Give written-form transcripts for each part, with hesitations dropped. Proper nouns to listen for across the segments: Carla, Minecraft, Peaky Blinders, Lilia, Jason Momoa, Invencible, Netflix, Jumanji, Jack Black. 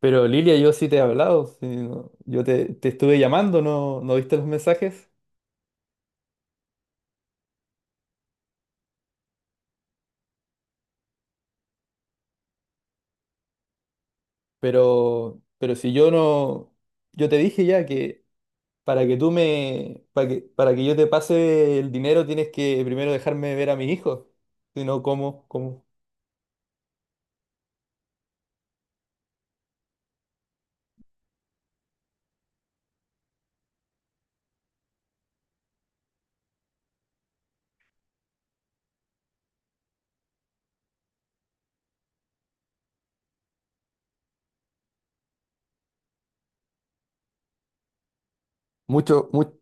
Pero Lilia, yo sí te he hablado, sí, yo te estuve llamando, no, no viste los mensajes, pero si yo no, yo te dije ya que para que tú me, para que yo te pase el dinero tienes que primero dejarme ver a mis hijos, si no, ¿cómo? Mucho, mucho,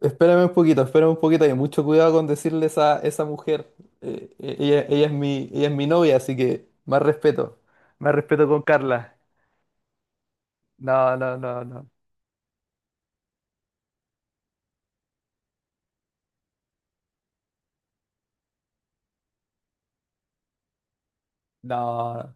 espérame un poquito, y mucho cuidado con decirle esa mujer, ella es mi novia, así que más respeto con Carla. No. No,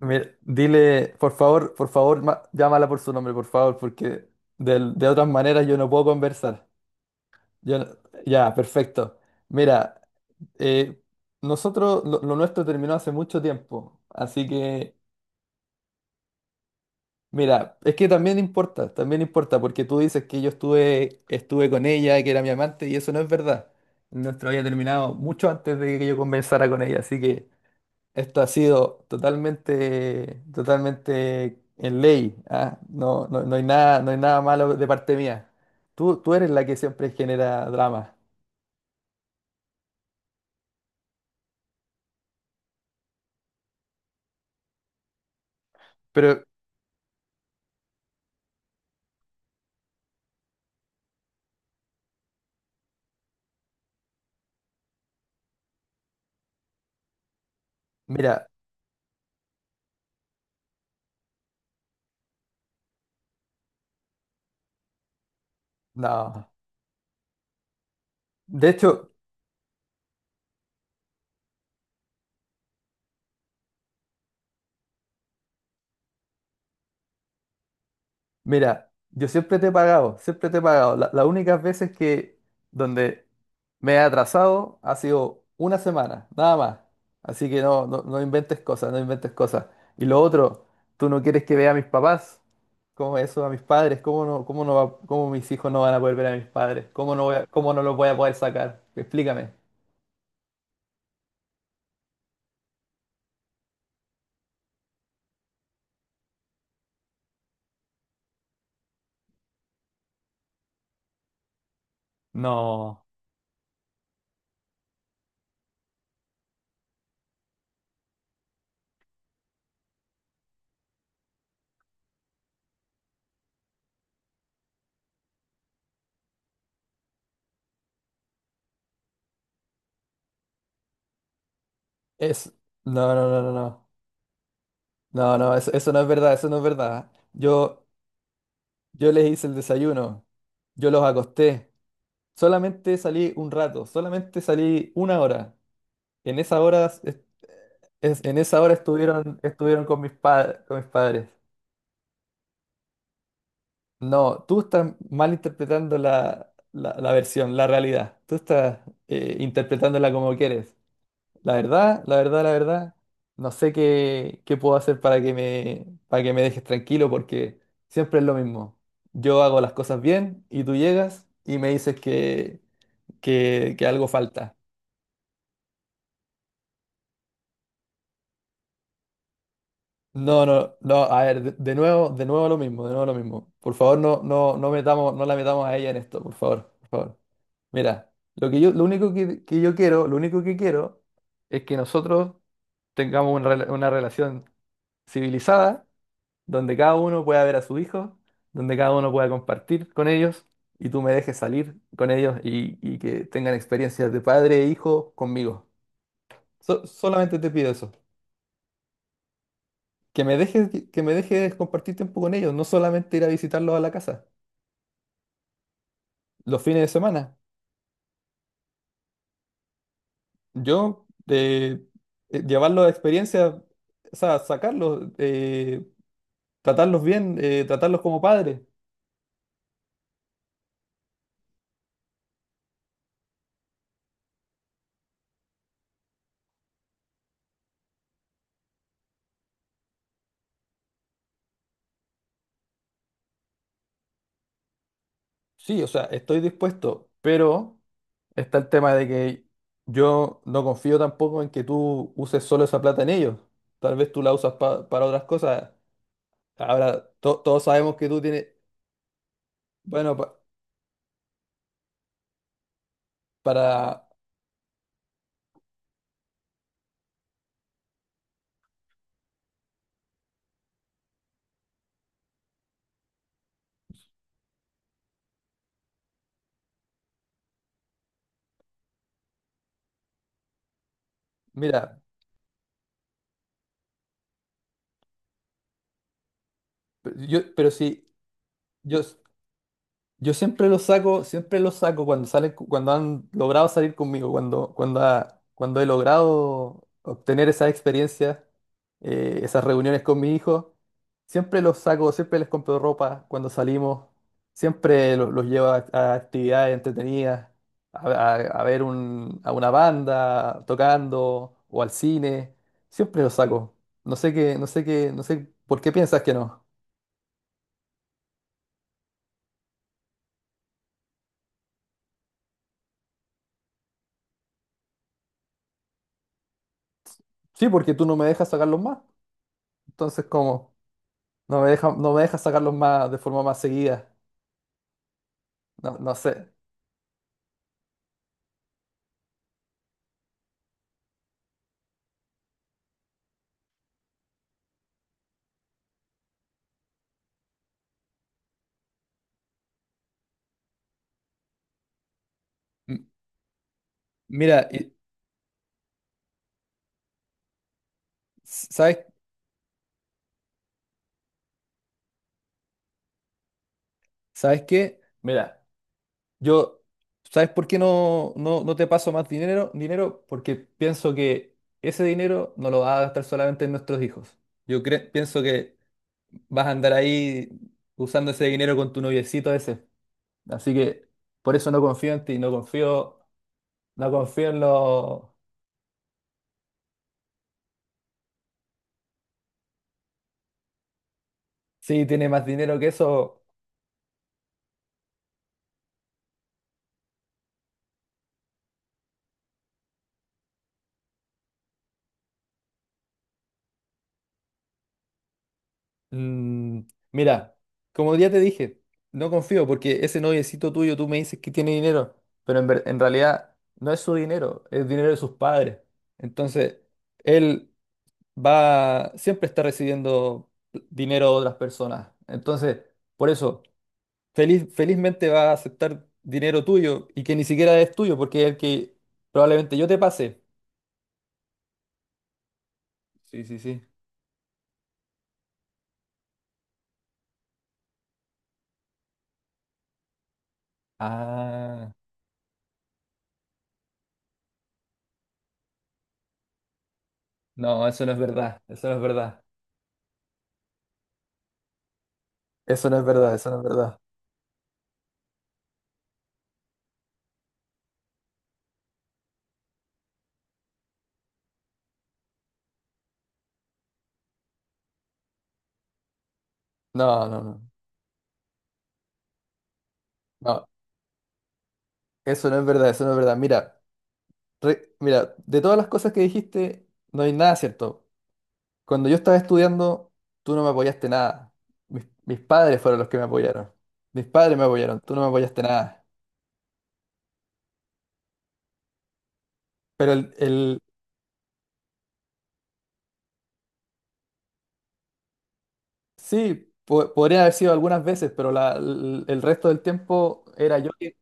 mira, dile, por favor, por favor, llámala por su nombre, por favor, porque de otras maneras yo no puedo conversar. Yo no- ya, perfecto. Mira, eh, lo nuestro terminó hace mucho tiempo, así que mira, es que también importa, porque tú dices que yo estuve con ella, que era mi amante, y eso no es verdad. Nuestro había terminado mucho antes de que yo conversara con ella, así que... Esto ha sido totalmente, totalmente en ley, ¿ah? No, no, no hay nada, no hay nada malo de parte mía. Tú eres la que siempre genera drama. Pero mira, no. De hecho, mira, yo siempre te he pagado, siempre te he pagado. Las únicas veces que donde me he atrasado ha sido una semana, nada más. Así que no, no, no inventes cosas, no inventes cosas. Y lo otro, tú no quieres que vea a mis papás, como eso, a mis padres, cómo no, cómo mis hijos no van a poder ver a mis padres, cómo no los voy a poder sacar. Explícame. No, es, no, no, no, no, no, no, no, eso no es verdad, eso no es verdad. Yo les hice el desayuno, yo los acosté, solamente salí un rato, solamente salí una hora. En esa hora, es- en esa hora estuvieron, estuvieron con con mis padres. No, tú estás malinterpretando la versión, la realidad. Tú estás interpretándola como quieres. La verdad, la verdad, la verdad, no sé qué, qué puedo hacer para que me dejes tranquilo porque siempre es lo mismo. Yo hago las cosas bien y tú llegas y me dices que algo falta. No, no, no, a ver, de nuevo, de nuevo lo mismo, de nuevo lo mismo. Por favor, no, no, no metamos, no la metamos a ella en esto, por favor, por favor. Mira, lo que yo, lo único que yo quiero, lo único que quiero es que nosotros tengamos una una relación civilizada donde cada uno pueda ver a su hijo, donde cada uno pueda compartir con ellos y tú me dejes salir con ellos y que tengan experiencias de padre e hijo conmigo. Solamente te pido eso, que me dejes, que me dejes compartir tiempo con ellos, no solamente ir a visitarlos a la casa, los fines de semana. Yo llevarlos a experiencias, o sea, sacarlos, tratarlos bien, tratarlos como padres. Sí, o sea, estoy dispuesto, pero... está el tema de que yo no confío tampoco en que tú uses solo esa plata en ellos. Tal vez tú la usas para otras cosas. Ahora, todos sabemos que tú tienes, bueno, pa- para, mira, pe- yo, pero si yo, yo siempre los saco cuando salen, cuando han logrado salir conmigo, cuando he logrado obtener esas experiencias, esas reuniones con mi hijo, siempre los saco, siempre les compro ropa cuando salimos, siempre los llevo a actividades entretenidas, a ver a una banda tocando o al cine, siempre los saco. No sé qué, no sé qué, no sé por qué piensas que no. Sí, porque tú no me dejas sacarlos más, entonces ¿cómo? No me deja, no me deja sacarlos más de forma más seguida. No, no sé. M- Mira, ¿sabes, sabes qué? Mira, yo, ¿sabes por qué no, no, no te paso más dinero? Dinero porque pienso que ese dinero no lo vas a gastar solamente en nuestros hijos. Yo pienso que vas a andar ahí usando ese dinero con tu noviecito ese. Así que por eso no confío en ti, no confío, no confío en los... Sí, tiene más dinero que eso. Mm, mira, como ya te dije, no confío porque ese noviecito tuyo, tú me dices que tiene dinero, pero en realidad no es su dinero, es dinero de sus padres. Entonces, él va, siempre está recibiendo dinero de otras personas. Entonces, por eso, feliz, felizmente va a aceptar dinero tuyo y que ni siquiera es tuyo porque es el que probablemente yo te pase. Sí, sí, sí. Ah, no, eso no es verdad, eso no es verdad. Eso no es verdad, eso no es verdad. No, no, no. No, eso no es verdad, eso no es verdad. Mira, mira, de todas las cosas que dijiste, no hay nada cierto. Cuando yo estaba estudiando, tú no me apoyaste nada. Mis padres fueron los que me apoyaron. Mis padres me apoyaron, tú no me apoyaste nada. Pero el, el- sí, podría haber sido algunas veces, pero el resto del tiempo era yo que...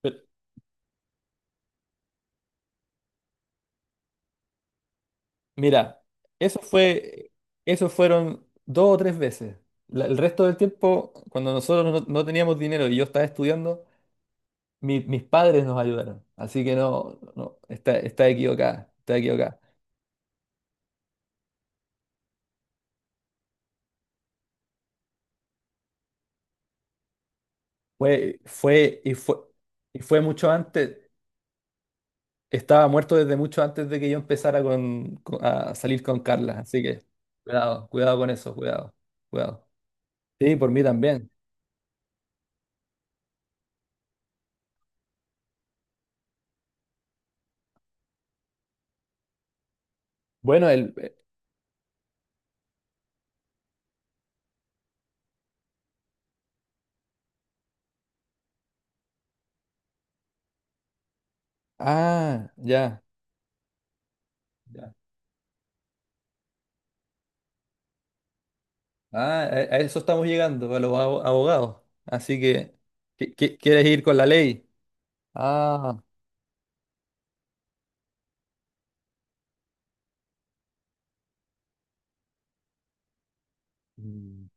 pero, mira, eso fue, eso fueron dos o tres veces. El resto del tiempo, cuando nosotros no teníamos dinero y yo estaba estudiando, mis padres nos ayudaron, así que no, no, está, está equivocada, está equivocada. Fue, fue, y fue, y fue mucho antes, estaba muerto desde mucho antes de que yo empezara a salir con Carla, así que cuidado, cuidado con eso, cuidado, cuidado. Sí, por mí también. Bueno, ah, ya, ya. Ah, a eso estamos llegando, a los abogados, así que, ¿quieres ir con la ley? Ah. Mm.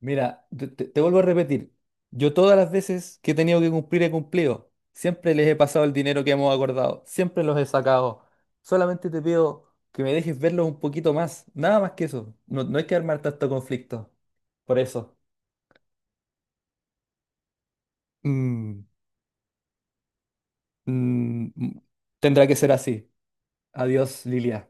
Mira, te vuelvo a repetir, yo todas las veces que he tenido que cumplir he cumplido, siempre les he pasado el dinero que hemos acordado, siempre los he sacado, solamente te pido que me dejes verlos un poquito más, nada más que eso, no, no hay que armar tanto conflicto, por eso. Mm, mm, mm, tendrá que ser así. Adiós, Lilia.